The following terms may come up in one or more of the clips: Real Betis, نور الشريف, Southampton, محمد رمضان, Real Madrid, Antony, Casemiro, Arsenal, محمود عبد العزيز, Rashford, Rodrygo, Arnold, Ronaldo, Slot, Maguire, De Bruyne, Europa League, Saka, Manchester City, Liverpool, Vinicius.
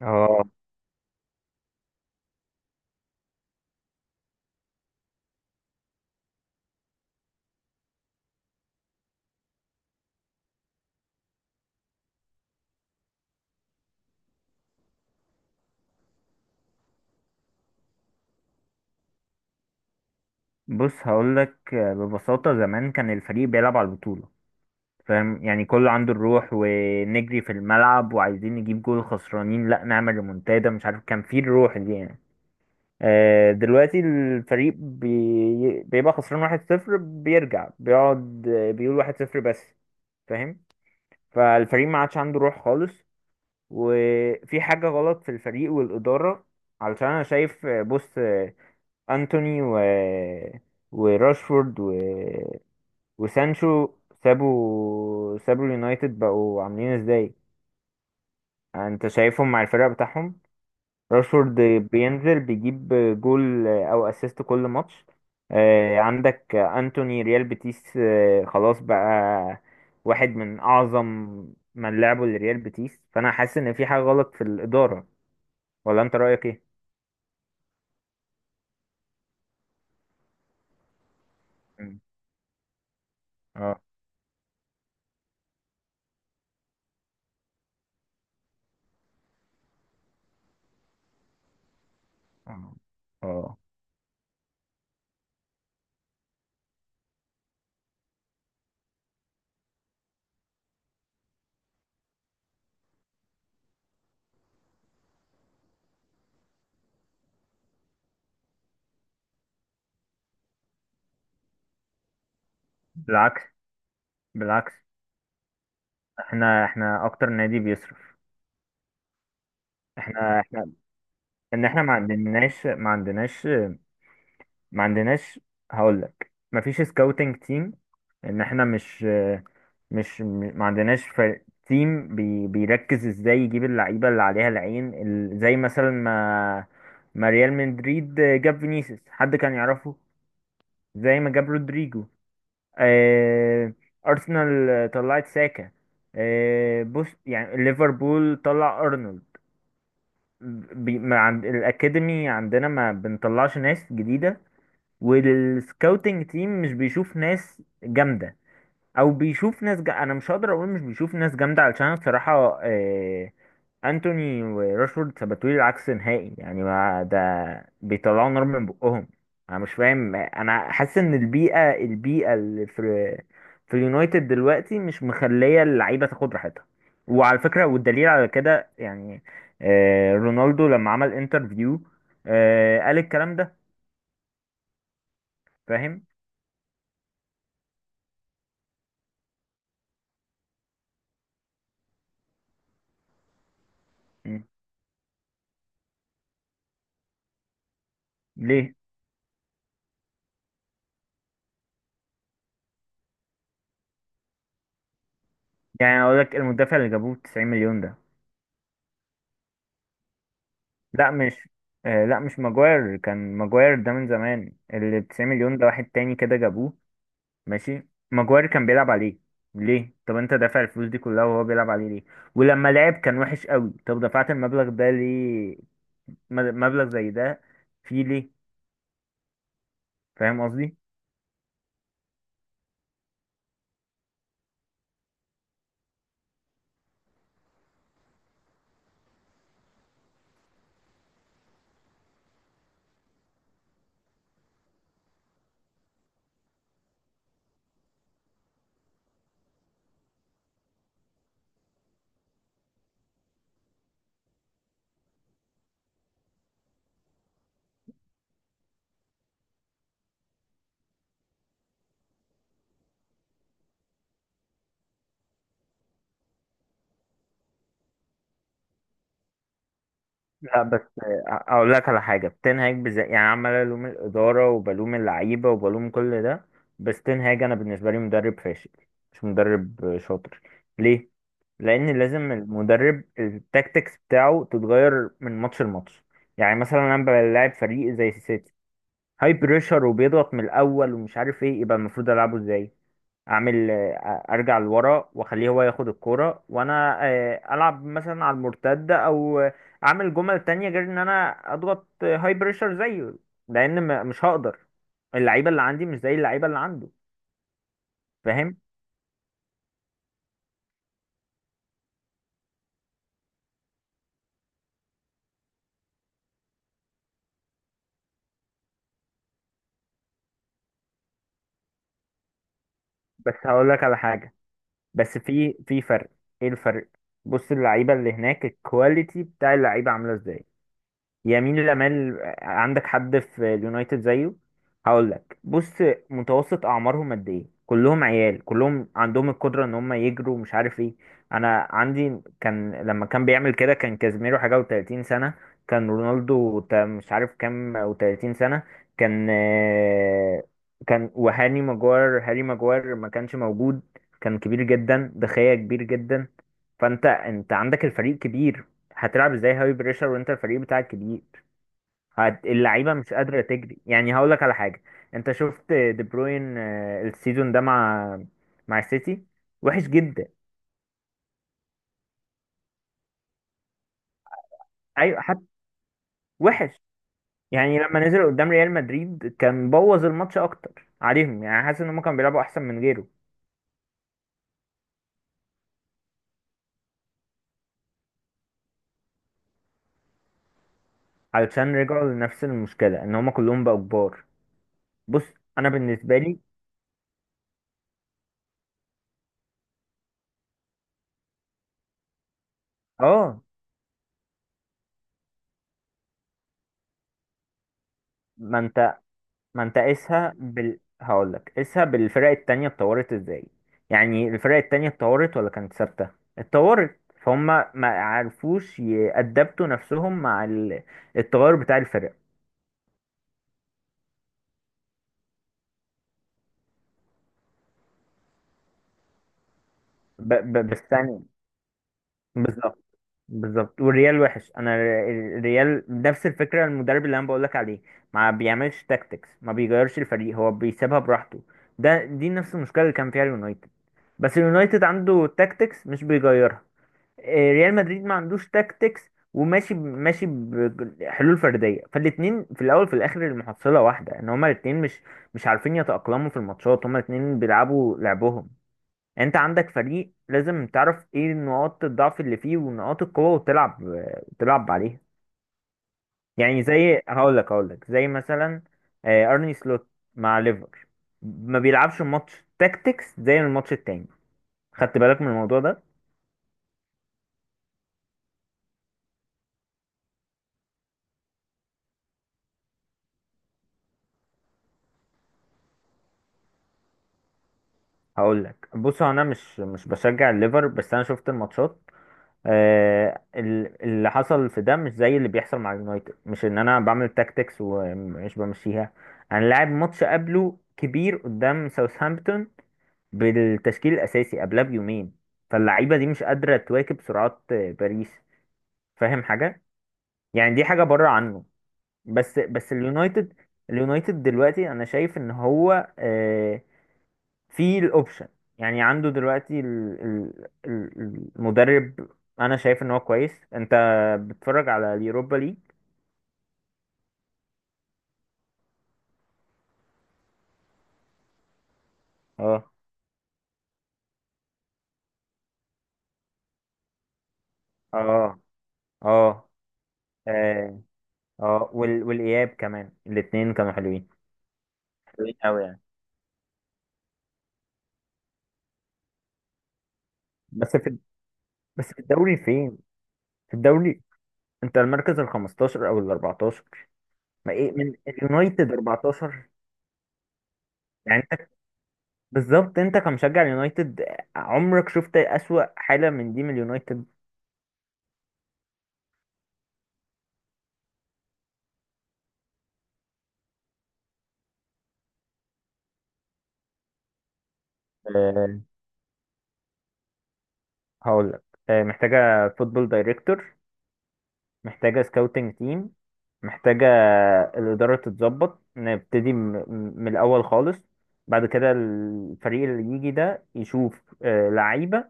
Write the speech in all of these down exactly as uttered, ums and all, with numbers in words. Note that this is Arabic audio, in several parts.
اه. بص هقول لك ببساطة، زمان كان الفريق بيلعب على البطولة، فاهم؟ يعني كله عنده الروح، ونجري في الملعب وعايزين نجيب جول، خسرانين لا نعمل ريمونتادا، مش عارف، كان فيه الروح دي يعني. آه، دلوقتي الفريق بي... بيبقى خسران واحد صفر، بيرجع بيقعد آه، بيقول واحد صفر بس، فاهم؟ فالفريق ما عادش عنده روح خالص، وفي حاجة غلط في الفريق والإدارة، علشان أنا شايف. آه، بص، انتوني و... وراشفورد و... وسانشو سابوا سابوا اليونايتد، بقوا عاملين ازاي؟ انت شايفهم مع الفرق بتاعهم. راشفورد بينزل بيجيب جول او اسيست كل ماتش. آه، عندك انتوني ريال بيتيس، آه، خلاص بقى، واحد من اعظم من لعبوا لريال بيتيس. فانا حاسس ان في حاجة غلط في الإدارة، ولا انت رأيك ايه؟ مم. اه. اه. آه. بالعكس، بالعكس، احنا احنا اكتر نادي بيصرف. احنا احنا ان احنا ما عندناش ما عندناش ما عندناش، هقول لك ما فيش سكاوتنج تيم، ان احنا مش مش ما عندناش فريق تيم بي بيركز ازاي يجيب اللعيبه اللي عليها العين ال- زي مثلا ما ما ريال مدريد جاب فينيسيوس، حد كان يعرفه؟ زي ما جاب رودريجو. اه. ارسنال طلعت ساكا. آه، بص، يعني ليفربول طلع ارنولد. بي... ما عند... الأكاديمي عندنا ما بنطلعش ناس جديدة، والسكاوتنج تيم مش بيشوف ناس جامدة، أو بيشوف ناس ج... أنا مش هقدر أقول مش بيشوف ناس جامدة، علشان بصراحة انتوني وراشفورد ثبتوا لي العكس نهائي، يعني ما ده بيطلعوا نار من بقهم. انا مش فاهم، انا حاسس ان البيئه البيئه اللي في في اليونايتد دلوقتي مش مخليه اللعيبه تاخد راحتها. وعلى فكره، والدليل على كده يعني آه، رونالدو لما عمل انترفيو آه، قال الكلام ده. فاهم. م. ليه؟ يعني اقول لك، المدافع اللي جابوه تسعين مليون ده، لا مش آه، لا مش ماجواير، كان ماجواير ده من زمان، اللي تسعين مليون ده واحد تاني كده جابوه. ماشي، ماجواير كان بيلعب عليه، ليه؟ طب انت دافع الفلوس دي كلها وهو بيلعب عليه ليه؟ ولما لعب كان وحش قوي، طب دفعت المبلغ ده ليه؟ م- مبلغ زي ده فيه ليه؟ فاهم قصدي؟ لا، بس آه، اقول لك على حاجه، بتنهاج بز... يعني عمال الوم الاداره وبلوم اللعيبه وبلوم كل ده، بس تنهاج انا بالنسبه لي مدرب فاشل، مش مدرب آه، شاطر. ليه؟ لان لازم المدرب التاكتكس بتاعه تتغير من ماتش لماتش. يعني مثلا انا بلاعب فريق زي السيتي، هاي بريشر وبيضغط من الاول ومش عارف ايه، يبقى المفروض العبه ازاي؟ اعمل آه، ارجع لورا واخليه هو ياخد الكوره، وانا آه، العب مثلا على المرتده، او آه، اعمل جمل تانية غير ان انا اضغط هاي بريشر زيه، لان م- مش هقدر، اللعيبه اللي عندي مش زي اللعيبه اللي عنده، فاهم؟ بس هقول لك على حاجه، بس في في فرق. ايه الفرق؟ بص، اللعيبه اللي هناك الكواليتي بتاع اللعيبه عامله ازاي؟ يمين لامال، عندك حد في اليونايتد زيه؟ هقول لك، بص، متوسط اعمارهم قد ايه؟ كلهم عيال، كلهم عندهم القدره ان هم يجروا مش عارف ايه. انا عندي كان لما كان بيعمل كده كان كازيميرو حاجه و30 سنه، كان رونالدو تا- مش عارف كام و30 سنه، كان آه، كان وهاني ماجوار هاري ماجوار ما كانش موجود، كان كبير جدا، دخية كبير جدا. فانت، انت عندك الفريق كبير، هتلعب ازاي هاي بريشر وانت الفريق بتاعك كبير؟ هت... اللعيبه مش قادره تجري. يعني هقول لك على حاجه، انت شفت دي بروين آه، السيزون ده مع مع السيتي وحش جدا. ايوه، حتى وحش، يعني لما نزل قدام ريال مدريد كان بوظ الماتش اكتر عليهم. يعني حاسس ان هم كانوا بيلعبوا احسن من غيره. علشان رجعوا لنفس المشكله، ان هم كلهم بقوا كبار. بص، انا بالنسبه لي... اه. ما انت ما انت قيسها بال، هقول لك قيسها بالفرق التانية، اتطورت ازاي؟ يعني الفرق التانية اتطورت ولا كانت ثابتة؟ اتطورت فهم، ما عرفوش يأدبتوا نفسهم مع ال- التغير بتاع الفرق. ب... ب... بس ثاني، بالظبط، بالظبط، والريال وحش. انا ال- الريال نفس الفكرة، المدرب اللي انا بقول لك عليه، ما بيعملش تاكتكس، ما بيغيرش الفريق، هو بيسيبها براحته. ده دي نفس المشكلة اللي كان فيها اليونايتد، بس اليونايتد عنده تاكتكس مش بيغيرها. آه، ريال مدريد ما عندوش تاكتكس، وماشي ب- ماشي بحلول فرديه، فالاتنين في الاول في الاخر المحصله واحده، ان هما الاتنين مش مش عارفين يتاقلموا في الماتشات، هما الاتنين بيلعبوا لعبهم. يعني انت عندك فريق، لازم تعرف ايه نقاط الضعف اللي فيه ونقاط القوه، وتلعب تلعب عليها. يعني زي هقول لك هقول لك زي مثلا آه، ارني سلوت مع ليفر، ما بيلعبش ماتش تاكتكس زي الماتش التاني، خدت بالك من الموضوع ده؟ هقول لك، بص، هو انا مش مش بشجع الليفر بس انا شفت الماتشات. آه ال- اللي حصل في ده مش زي اللي بيحصل مع اليونايتد، مش ان انا بعمل تاكتكس ومش بمشيها، انا لاعب ماتش قبله كبير قدام ساوثهامبتون بالتشكيل الاساسي قبلها بيومين، فاللعيبه دي مش قادره تواكب سرعات آه، باريس، فاهم حاجه؟ يعني دي حاجه بره عنه. بس بس اليونايتد، اليونايتد دلوقتي انا شايف ان هو آه، في الاوبشن، يعني عنده دلوقتي ال- ال- ال- المدرب، انا شايف ان هو كويس. انت بتتفرج على اليوروبا ليج؟ اه. اه. اه. اه. اه. وال- والاياب كمان، الاتنين كانوا حلوين، حلوين قوي يعني. بس في، بس في الدوري فين؟ في الدوري انت المركز ال خمستاشر او ال اربعتاشر، ما ايه من اليونايتد اربعتاشر؟ يعني انت، بالظبط، انت كمشجع اليونايتد عمرك شفت اسوأ حالة من دي من اليونايتد؟ هقول لك، آه، محتاجة فوتبول دايركتور، محتاجة سكاوتنج تيم، محتاجة الإدارة تتظبط، نبتدي م- م- من الأول خالص. بعد كده الفريق اللي يجي ده يشوف آه، لعيبة،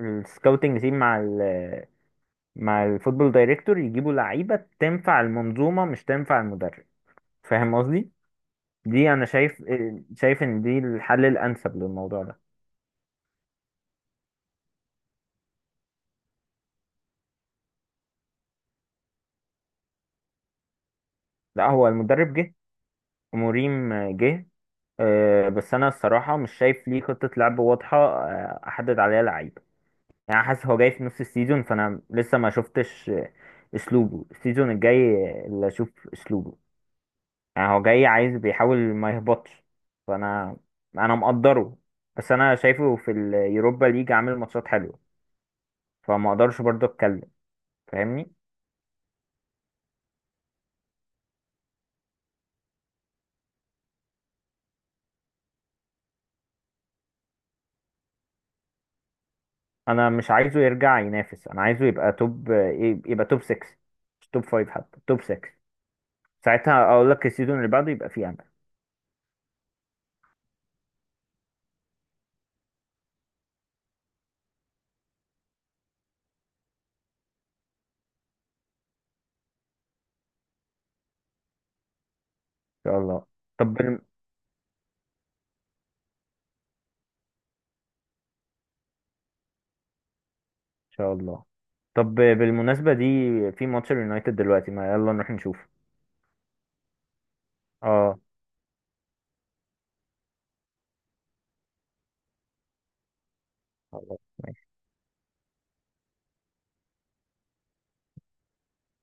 السكاوتنج تيم مع ال مع الفوتبول دايركتور يجيبوا لعيبة تنفع المنظومة، مش تنفع المدرب، فاهم قصدي؟ دي أنا شايف، آه، شايف إن دي الحل الأنسب للموضوع ده. لا، هو المدرب جه، ومريم جه، آه، بس انا الصراحه مش شايف ليه خطه لعب واضحه آه، احدد عليها لعيبه، يعني حاسس هو جاي في نص السيزون، فانا لسه ما شفتش آه، اسلوبه، السيزون الجاي آه، اللي اشوف اسلوبه، يعني هو جاي عايز بيحاول ما يهبطش، فانا، انا مقدره، بس انا شايفه في اليوروبا ليج عامل ماتشات حلوه، فما اقدرش برضه اتكلم، فاهمني؟ انا مش عايزه يرجع ينافس، انا عايزه يبقى توب آه، يبقى توب ستة، مش توب خمسة، حتى توب ستة ساعتها اقول لك السيزون اللي بعده يبقى فيه شاء الله. طب بال... ان شاء الله. طب بالمناسبة دي، في ماتش اليونايتد دلوقتي ما، يلا نروح نشوفه. اه. خلاص.